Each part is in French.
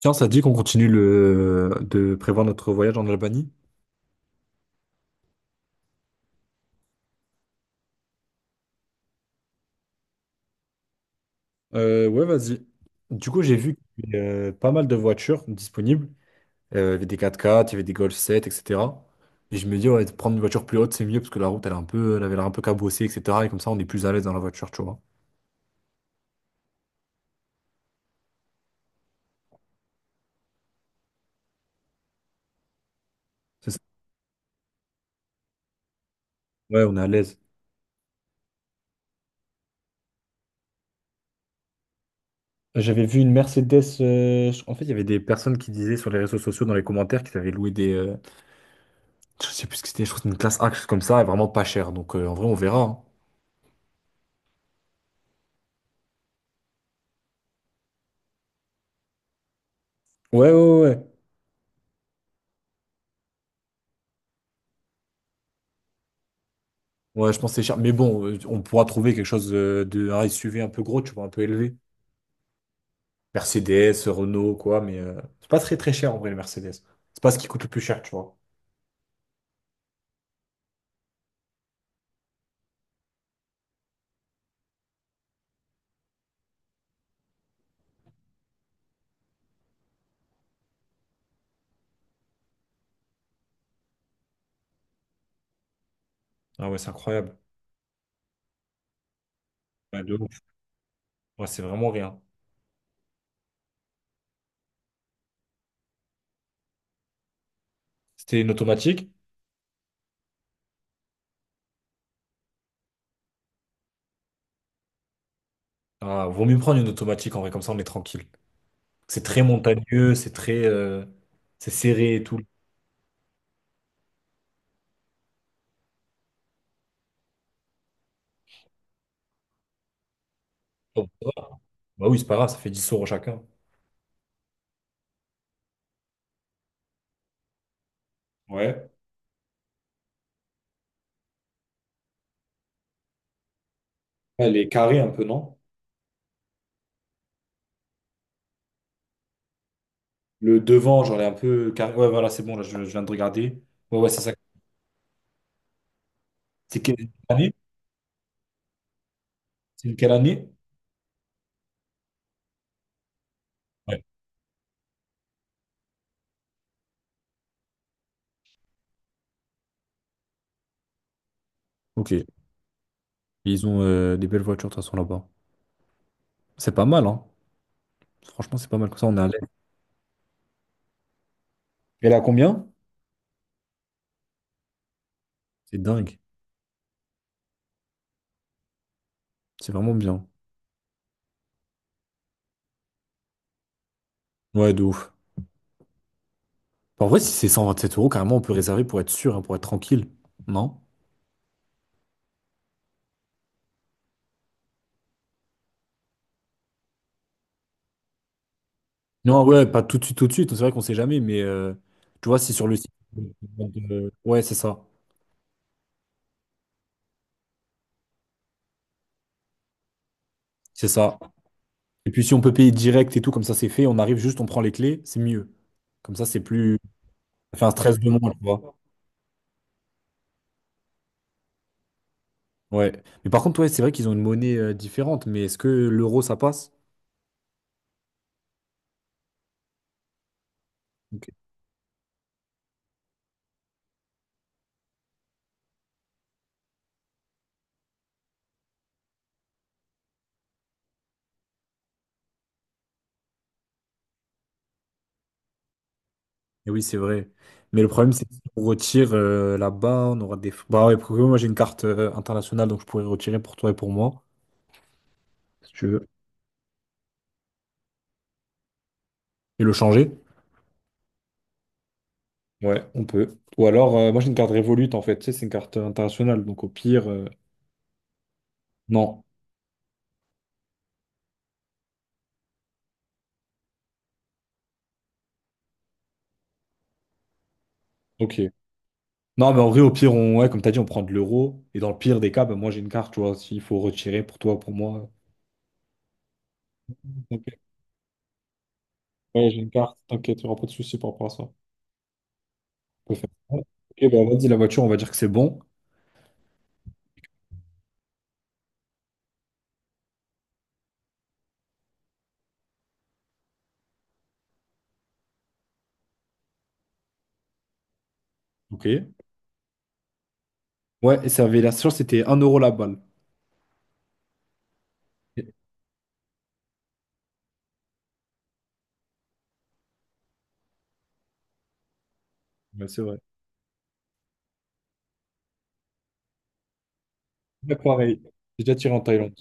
Tiens, ça te dit qu'on continue de prévoir notre voyage en Albanie? Ouais, vas-y. Du coup, j'ai vu qu'il y avait pas mal de voitures disponibles. Il y avait des 4x4, il y avait des Golf 7, etc. Et je me dis, ouais, de prendre une voiture plus haute, c'est mieux parce que la route, elle, elle avait l'air un peu cabossée, etc. Et comme ça, on est plus à l'aise dans la voiture, tu vois. C'est ça. Ouais, on est à l'aise. J'avais vu une Mercedes. En fait, il y avait des personnes qui disaient sur les réseaux sociaux, dans les commentaires, qu'ils avaient loué des. Je sais plus ce que c'était, je crois que c'était une classe A, quelque chose comme ça, et vraiment pas cher. Donc, en vrai, on verra, hein. Ouais, ouais, ouais. Ouais, je pense que c'est cher. Mais bon, on pourra trouver quelque chose de un SUV un peu gros, tu vois, un peu élevé. Mercedes, Renault, quoi, mais c'est pas très très cher en vrai, le Mercedes. C'est pas ce qui coûte le plus cher, tu vois. Ah ouais, c'est incroyable. Ouais, de ouf. Ouais, c'est vraiment rien. C'était une automatique. Ah, vaut mieux prendre une automatique en vrai, comme ça on est tranquille. C'est très montagneux, c'est très. C'est serré et tout. Bah oui, c'est pas grave, ça fait 10 € chacun. Ouais. Elle est carrée un peu, non? Le devant, genre, elle est un peu carré. Ouais, voilà, c'est bon, là, je viens de regarder. Ouais, ouais, c'est ça. C'est quelle année? C'est quelle année? Ouais. Ok. Ils ont des belles voitures, de toute façon, là-bas. C'est pas mal, hein. Franchement, c'est pas mal. Comme ça, on est à l'aise. Elle a combien? C'est dingue. C'est vraiment bien. Ouais, de ouf. Enfin, en vrai, si c'est 127 euros, carrément, on peut réserver pour être sûr, hein, pour être tranquille. Non? Non, ouais, pas tout de suite, tout de suite. C'est vrai qu'on sait jamais, mais tu vois, c'est sur le site. Ouais, c'est ça. C'est ça. Et puis, si on peut payer direct et tout, comme ça, c'est fait. On arrive juste, on prend les clés, c'est mieux. Comme ça, c'est plus. Ça fait un stress de moins, tu vois. Ouais. Mais par contre, ouais, c'est vrai qu'ils ont une monnaie différente, mais est-ce que l'euro, ça passe? Ok. Eh oui, c'est vrai. Mais le problème, c'est que si on retire là-bas, bah ouais, parce que moi, j'ai une carte internationale, donc je pourrais retirer pour toi et pour moi, si tu veux. Et le changer. Ouais, on peut. Ou alors, moi, j'ai une carte Revolut, en fait. Tu sais, c'est une carte internationale, donc au pire. Non. Ok. Non, mais en vrai, au pire, ouais, comme t'as dit, on prend de l'euro. Et dans le pire des cas, bah, moi, j'ai une carte, tu vois, s'il faut retirer pour toi, pour moi. Ok. Ouais, j'ai une carte, t'inquiète, il n'y aura pas de souci par rapport à ça. On peut faire ça. Ok, bah vas-y, la voiture, on va dire que c'est bon. Ok. Ouais, et ça avait la chance, c'était 1 € la balle. Ok. Ouais, c'est vrai. Ouais, pareil. J'ai déjà tiré en Thaïlande.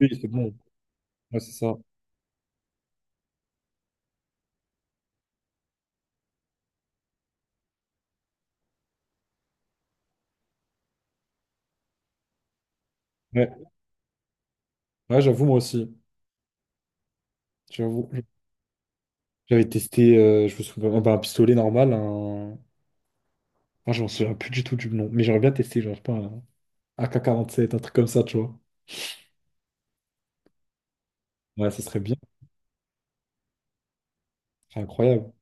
Oui, c'est bon. Ouais, c'est ça. Ouais, ouais, j'avoue, moi aussi. J'avoue. J'avais testé, je me souviens, bah, un pistolet normal. Ah, je m'en souviens plus du tout du nom. Mais j'aurais bien testé, genre, je sais pas, un AK-47, un truc comme ça, tu vois. Ouais, ça serait bien. Ce serait incroyable.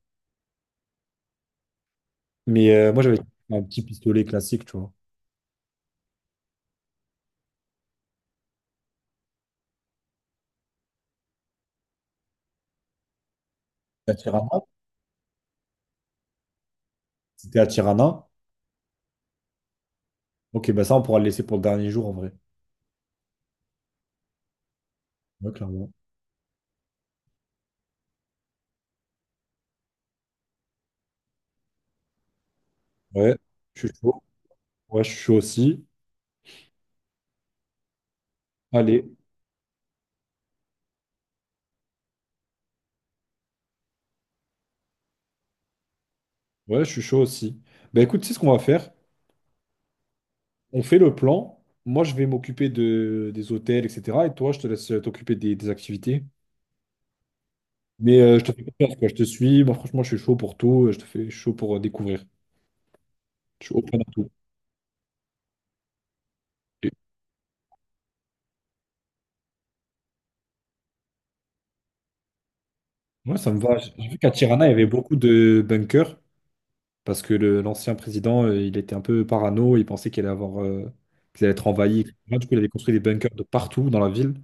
Mais moi, j'avais un petit pistolet classique, tu vois. À Tirana. C'était à Tirana. Ok, bah ça, on pourra le laisser pour le dernier jour, en vrai. Ouais, clairement. Ouais, je suis chaud. Ouais, je suis chaud aussi. Allez, ouais, je suis chaud aussi. Bah écoute, tu sais ce qu'on va faire? On fait le plan. Moi, je vais m'occuper des hôtels, etc. Et toi, je te laisse t'occuper des activités. Mais je te fais confiance, quoi. Je te suis. Moi, franchement, je suis chaud pour tout. Je te fais chaud pour découvrir. Je suis open à tout. Et moi, ça me va. J'ai vu qu'à Tirana, il y avait beaucoup de bunkers parce que l'ancien président, il était un peu parano. Il pensait qu'il allait avoir, qu'il allait être envahi, etc. Du coup, il avait construit des bunkers de partout dans la ville.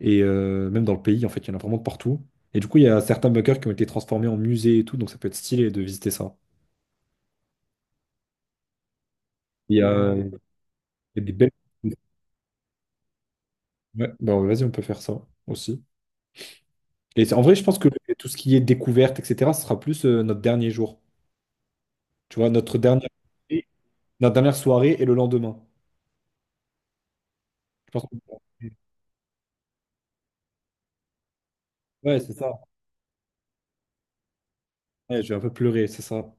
Et même dans le pays, en fait, il y en a vraiment de partout. Et du coup, il y a certains bunkers qui ont été transformés en musées et tout, donc ça peut être stylé de visiter ça. Il y a, Hmm. il y a des belles. Ouais, bah ouais, vas-y, on peut faire ça aussi. Et en vrai, je pense que tout ce qui est découverte, etc., ce sera plus notre dernier jour. Tu vois, notre dernière soirée et le lendemain. Je pense que- Ouais, c'est ça. Ouais, je vais un peu pleurer, c'est ça.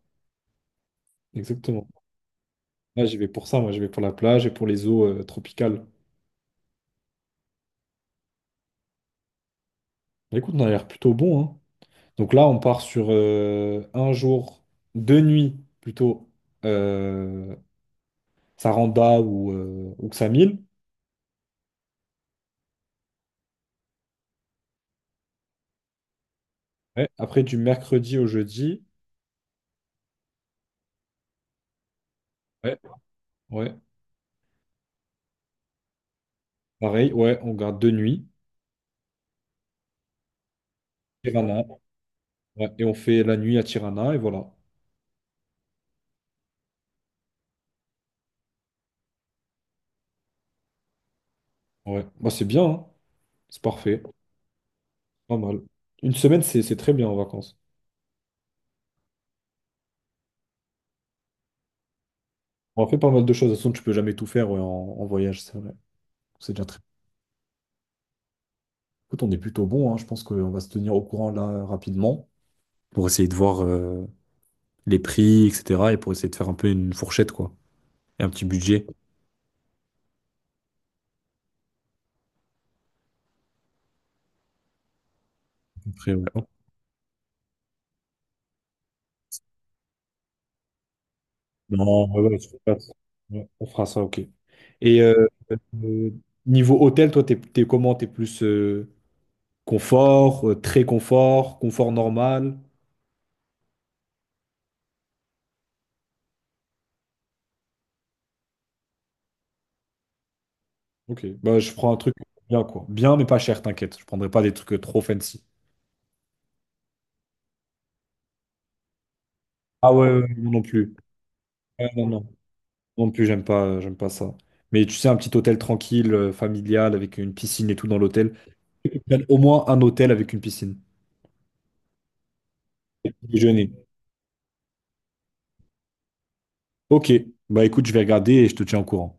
Exactement. Là, j'y vais pour ça, moi, j'y vais pour la plage et pour les eaux tropicales. Bah, écoute, on a l'air plutôt bon, hein. Donc là, on part sur un jour, 2 nuits plutôt, euh, Saranda ou Ksamil. Ouais, après, du mercredi au jeudi, ouais, ouais, pareil, ouais, on garde 2 nuits, Tirana, ouais, et on fait la nuit à Tirana, et voilà. Ouais, bah, c'est bien, hein. C'est parfait, pas mal. Une semaine, c'est très bien en vacances. On a fait pas mal de choses, de toute façon, tu peux jamais tout faire ouais, en voyage, c'est vrai. C'est déjà très. Écoute, on est plutôt bon, hein. Je pense qu'on va se tenir au courant là rapidement pour essayer de voir, les prix, etc. Et pour essayer de faire un peu une fourchette, quoi. Et un petit budget. Après, ouais. Non, ouais, ouais, je sais pas. Ouais, on fera ça, ok. Et euh, niveau hôtel, toi, t'es comment? T'es plus confort, très confort, confort normal? Ok, bah, je prends un truc bien, quoi. Bien, mais pas cher, t'inquiète. Je prendrai pas des trucs trop fancy. Ah ouais, ouais, ouais, moi non plus. Ouais, non, non. Moi non plus, j'aime pas ça. Mais tu sais, un petit hôtel tranquille, familial, avec une piscine et tout dans l'hôtel. Au moins un hôtel avec une piscine. Déjeuner. Ok. Bah écoute, je vais regarder et je te tiens au courant.